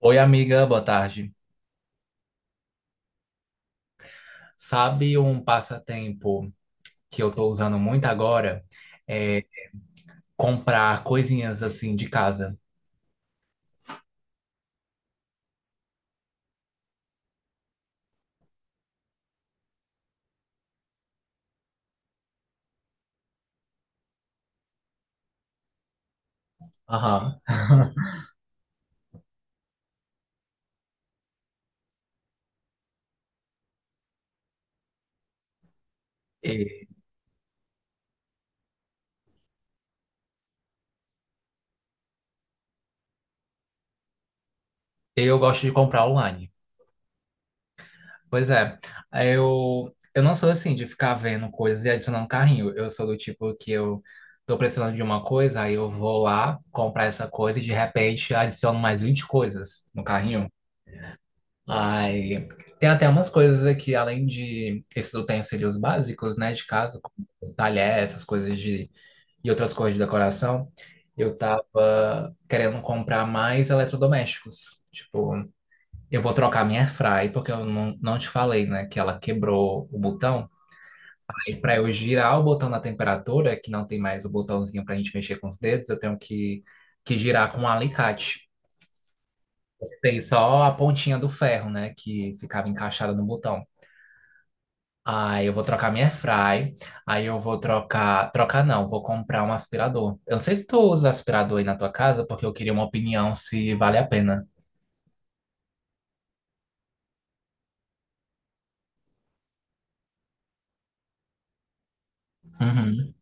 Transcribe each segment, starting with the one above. Oi, amiga, boa tarde. Sabe um passatempo que eu tô usando muito agora? É comprar coisinhas assim de casa. Aham. E eu gosto de comprar online. Pois é, eu não sou assim de ficar vendo coisas e adicionando carrinho. Eu sou do tipo que eu tô precisando de uma coisa, aí eu vou lá comprar essa coisa e de repente adiciono mais 20 coisas no carrinho. Ai, tem até umas coisas aqui, além de esses utensílios básicos, né, de casa, como talher, essas coisas de, e outras coisas de decoração, eu tava querendo comprar mais eletrodomésticos. Tipo, eu vou trocar minha airfry, porque eu não te falei, né, que ela quebrou o botão. Aí, pra eu girar o botão da temperatura, que não tem mais o botãozinho pra gente mexer com os dedos, que girar com um alicate. Tem só a pontinha do ferro, né, que ficava encaixada no botão. Aí eu vou trocar minha fry. Aí eu vou trocar. Trocar não, vou comprar um aspirador. Eu não sei se tu usa aspirador aí na tua casa, porque eu queria uma opinião se vale a pena. Uhum.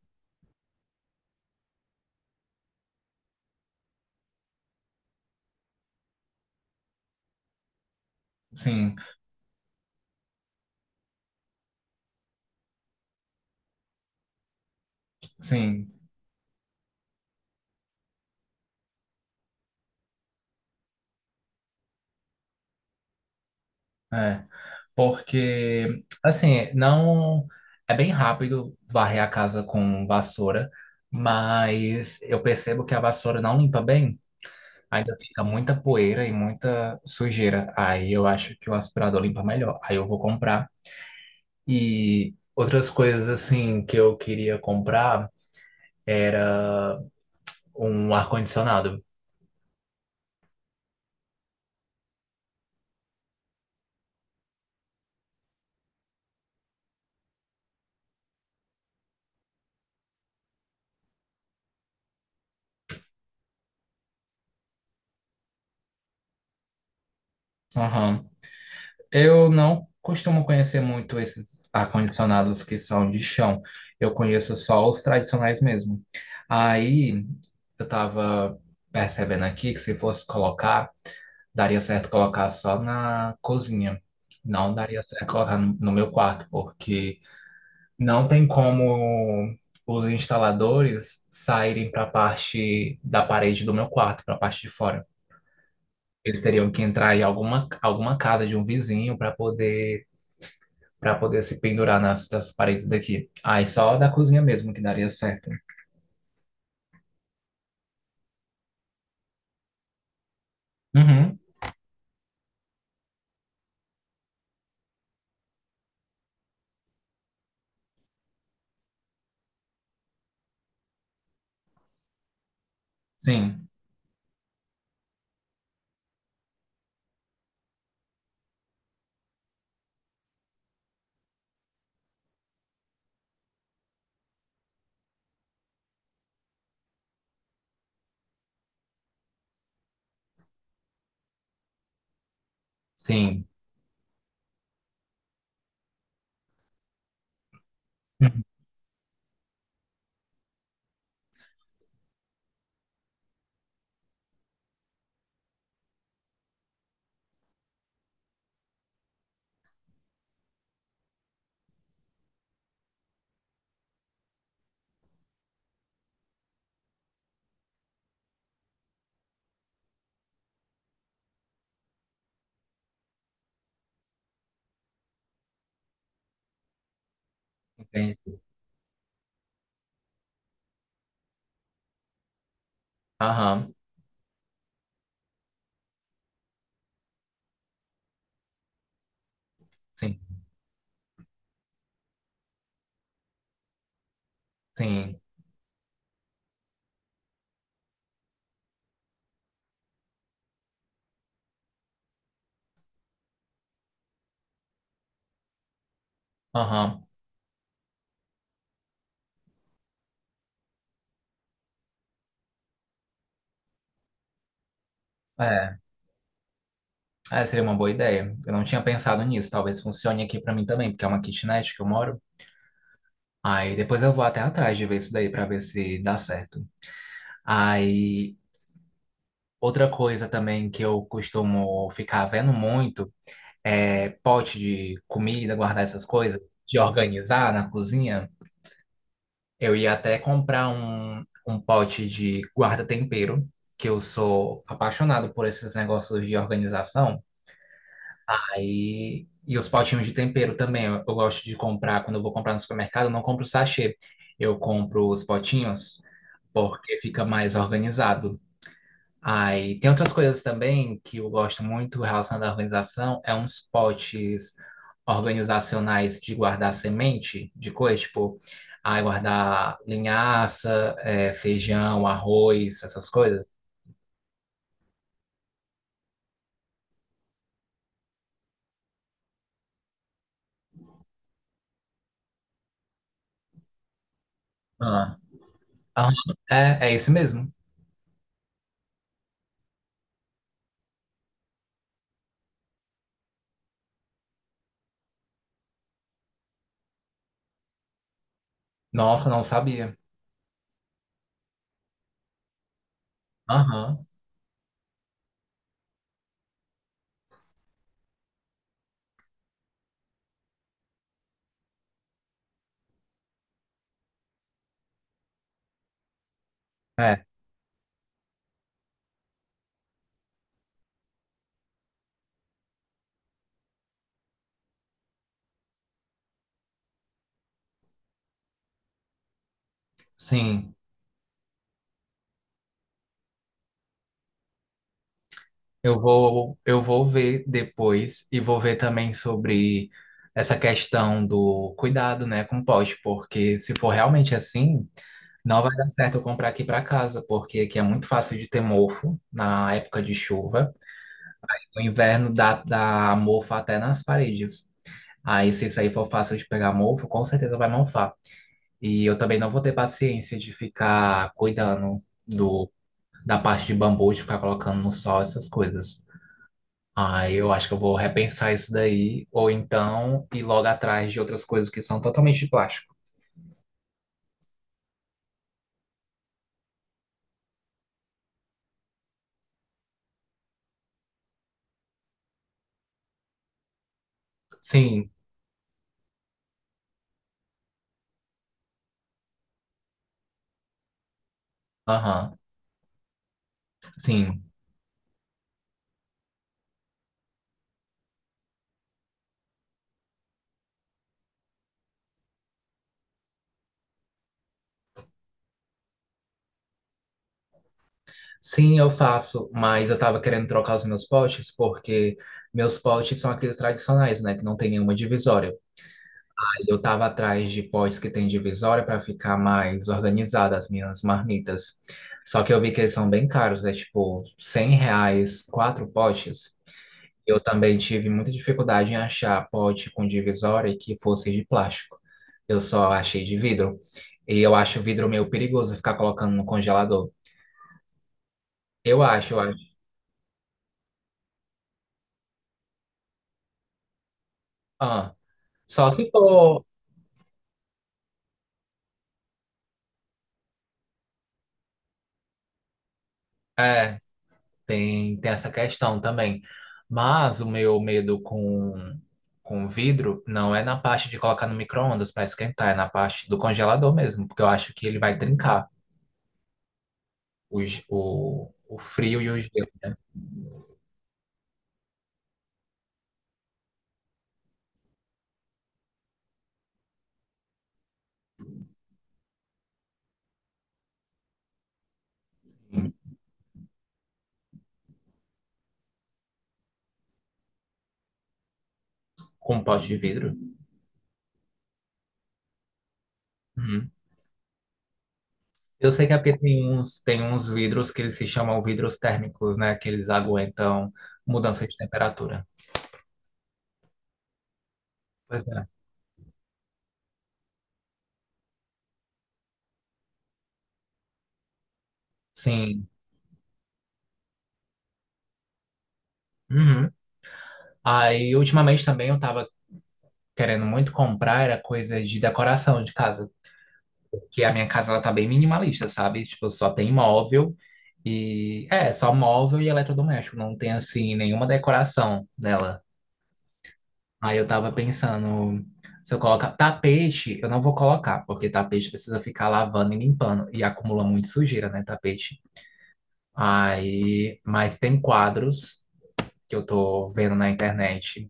Sim, sim. É. Porque, assim, não. É bem rápido varrer a casa com vassoura, mas eu percebo que a vassoura não limpa bem. Ainda fica muita poeira e muita sujeira. Aí eu acho que o aspirador limpa melhor. Aí eu vou comprar. E outras coisas assim que eu queria comprar era um ar-condicionado. Aham. Eu não costumo conhecer muito esses ar-condicionados que são de chão. Eu conheço só os tradicionais mesmo. Aí eu tava percebendo aqui que se fosse colocar, daria certo colocar só na cozinha. Não daria certo colocar no meu quarto, porque não tem como os instaladores saírem para a parte da parede do meu quarto, para a parte de fora. Eles teriam que entrar em alguma casa de um vizinho para poder se pendurar nas paredes daqui. Aí só da cozinha mesmo que daria certo. Uhum, sim, sim. Uhum. Entendi. Aham, sim, sim. Aham. É, é, seria uma boa ideia. Eu não tinha pensado nisso. Talvez funcione aqui para mim também, porque é uma kitnet que eu moro. Aí depois eu vou até atrás de ver isso daí para ver se dá certo. Aí outra coisa também que eu costumo ficar vendo muito é pote de comida, guardar essas coisas, de organizar na cozinha. Eu ia até comprar um pote de guarda-tempero, que eu sou apaixonado por esses negócios de organização. Aí, e os potinhos de tempero também. Eu gosto de comprar, quando eu vou comprar no supermercado, eu não compro sachê. Eu compro os potinhos porque fica mais organizado. Aí, tem outras coisas também que eu gosto muito relacionado à organização, é uns potes organizacionais de guardar semente de coisa, tipo, aí guardar linhaça, é, feijão, arroz, essas coisas. Ah, aham. É, é esse mesmo. Nossa, não sabia. Aham. É. Sim, eu vou ver depois e vou ver também sobre essa questão do cuidado, né, com o poste, porque se for realmente assim, não vai dar certo eu comprar aqui para casa, porque aqui é muito fácil de ter mofo na época de chuva. No inverno dá mofo até nas paredes. Aí, se isso aí for fácil de pegar mofo, com certeza vai mofar. E eu também não vou ter paciência de ficar cuidando da parte de bambu, de ficar colocando no sol essas coisas. Ah, eu acho que eu vou repensar isso daí, ou então ir logo atrás de outras coisas que são totalmente de plástico. Sim, aham, sim. Sim, eu faço, mas eu tava querendo trocar os meus potes porque meus potes são aqueles tradicionais, né, que não tem nenhuma divisória. Eu estava atrás de pós que tem divisória para ficar mais organizada as minhas marmitas. Só que eu vi que eles são bem caros, é tipo R$ 100, 4 potes. Eu também tive muita dificuldade em achar pote com divisória que fosse de plástico. Eu só achei de vidro. E eu acho o vidro meio perigoso ficar colocando no congelador. Eu acho. Ah, só se for. É, tem essa questão também. Mas o meu medo com vidro não é na parte de colocar no micro-ondas para esquentar, é na parte do congelador mesmo, porque eu acho que ele vai trincar o frio e o gelo com um pote de vidro. Uhum. Eu sei que é porque tem uns vidros que eles se chamam vidros térmicos, né? Que eles aguentam mudança de temperatura. Pois é. Sim. Uhum. Aí, ultimamente também eu tava querendo muito comprar, era coisa de decoração de casa. Que a minha casa ela tá bem minimalista, sabe? Tipo, só tem móvel e é, só móvel e eletrodoméstico, não tem assim nenhuma decoração dela. Aí eu tava pensando, se eu colocar tapete, eu não vou colocar, porque tapete precisa ficar lavando e limpando e acumula muito sujeira, né, tapete. Aí, mas tem quadros que eu tô vendo na internet.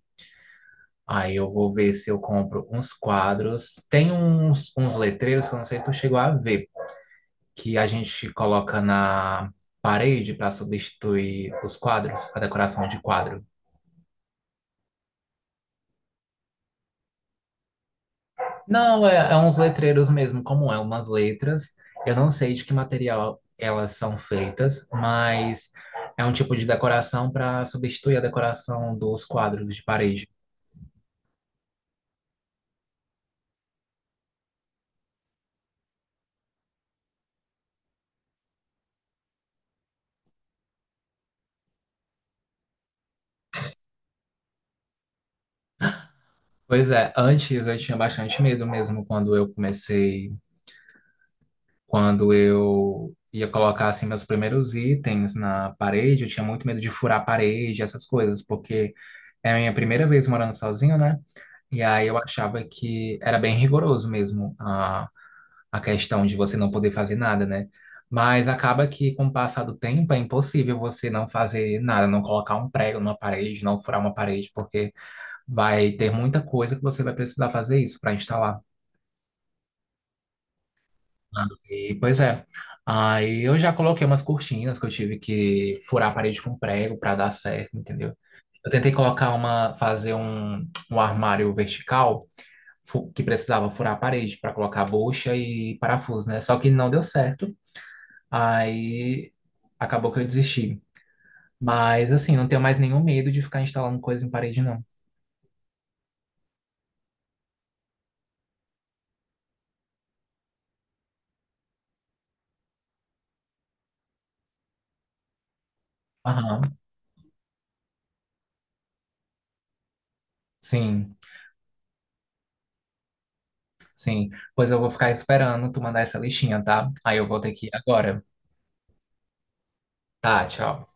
Aí eu vou ver se eu compro uns quadros. Tem uns letreiros que eu não sei se tu chegou a ver, que a gente coloca na parede para substituir os quadros, a decoração de quadro. Não, é, é uns letreiros mesmo, como é, umas letras. Eu não sei de que material elas são feitas, mas é um tipo de decoração para substituir a decoração dos quadros de parede. Pois é, antes eu tinha bastante medo mesmo quando eu comecei, quando eu ia colocar assim meus primeiros itens na parede, eu tinha muito medo de furar a parede, essas coisas, porque é a minha primeira vez morando sozinho, né? E aí eu achava que era bem rigoroso mesmo a questão de você não poder fazer nada, né? Mas acaba que com o passar do tempo é impossível você não fazer nada, não colocar um prego numa parede, não furar uma parede, porque vai ter muita coisa que você vai precisar fazer isso para instalar. Pois é. Aí eu já coloquei umas cortinas que eu tive que furar a parede com prego para dar certo, entendeu? Eu tentei colocar uma, fazer um armário vertical que precisava furar a parede para colocar bucha e parafuso, né? Só que não deu certo. Aí acabou que eu desisti. Mas assim, não tenho mais nenhum medo de ficar instalando coisa em parede, não. Aham, sim, sim. Pois eu vou ficar esperando tu mandar essa listinha, tá? Aí eu vou ter que ir agora. Tá, tchau.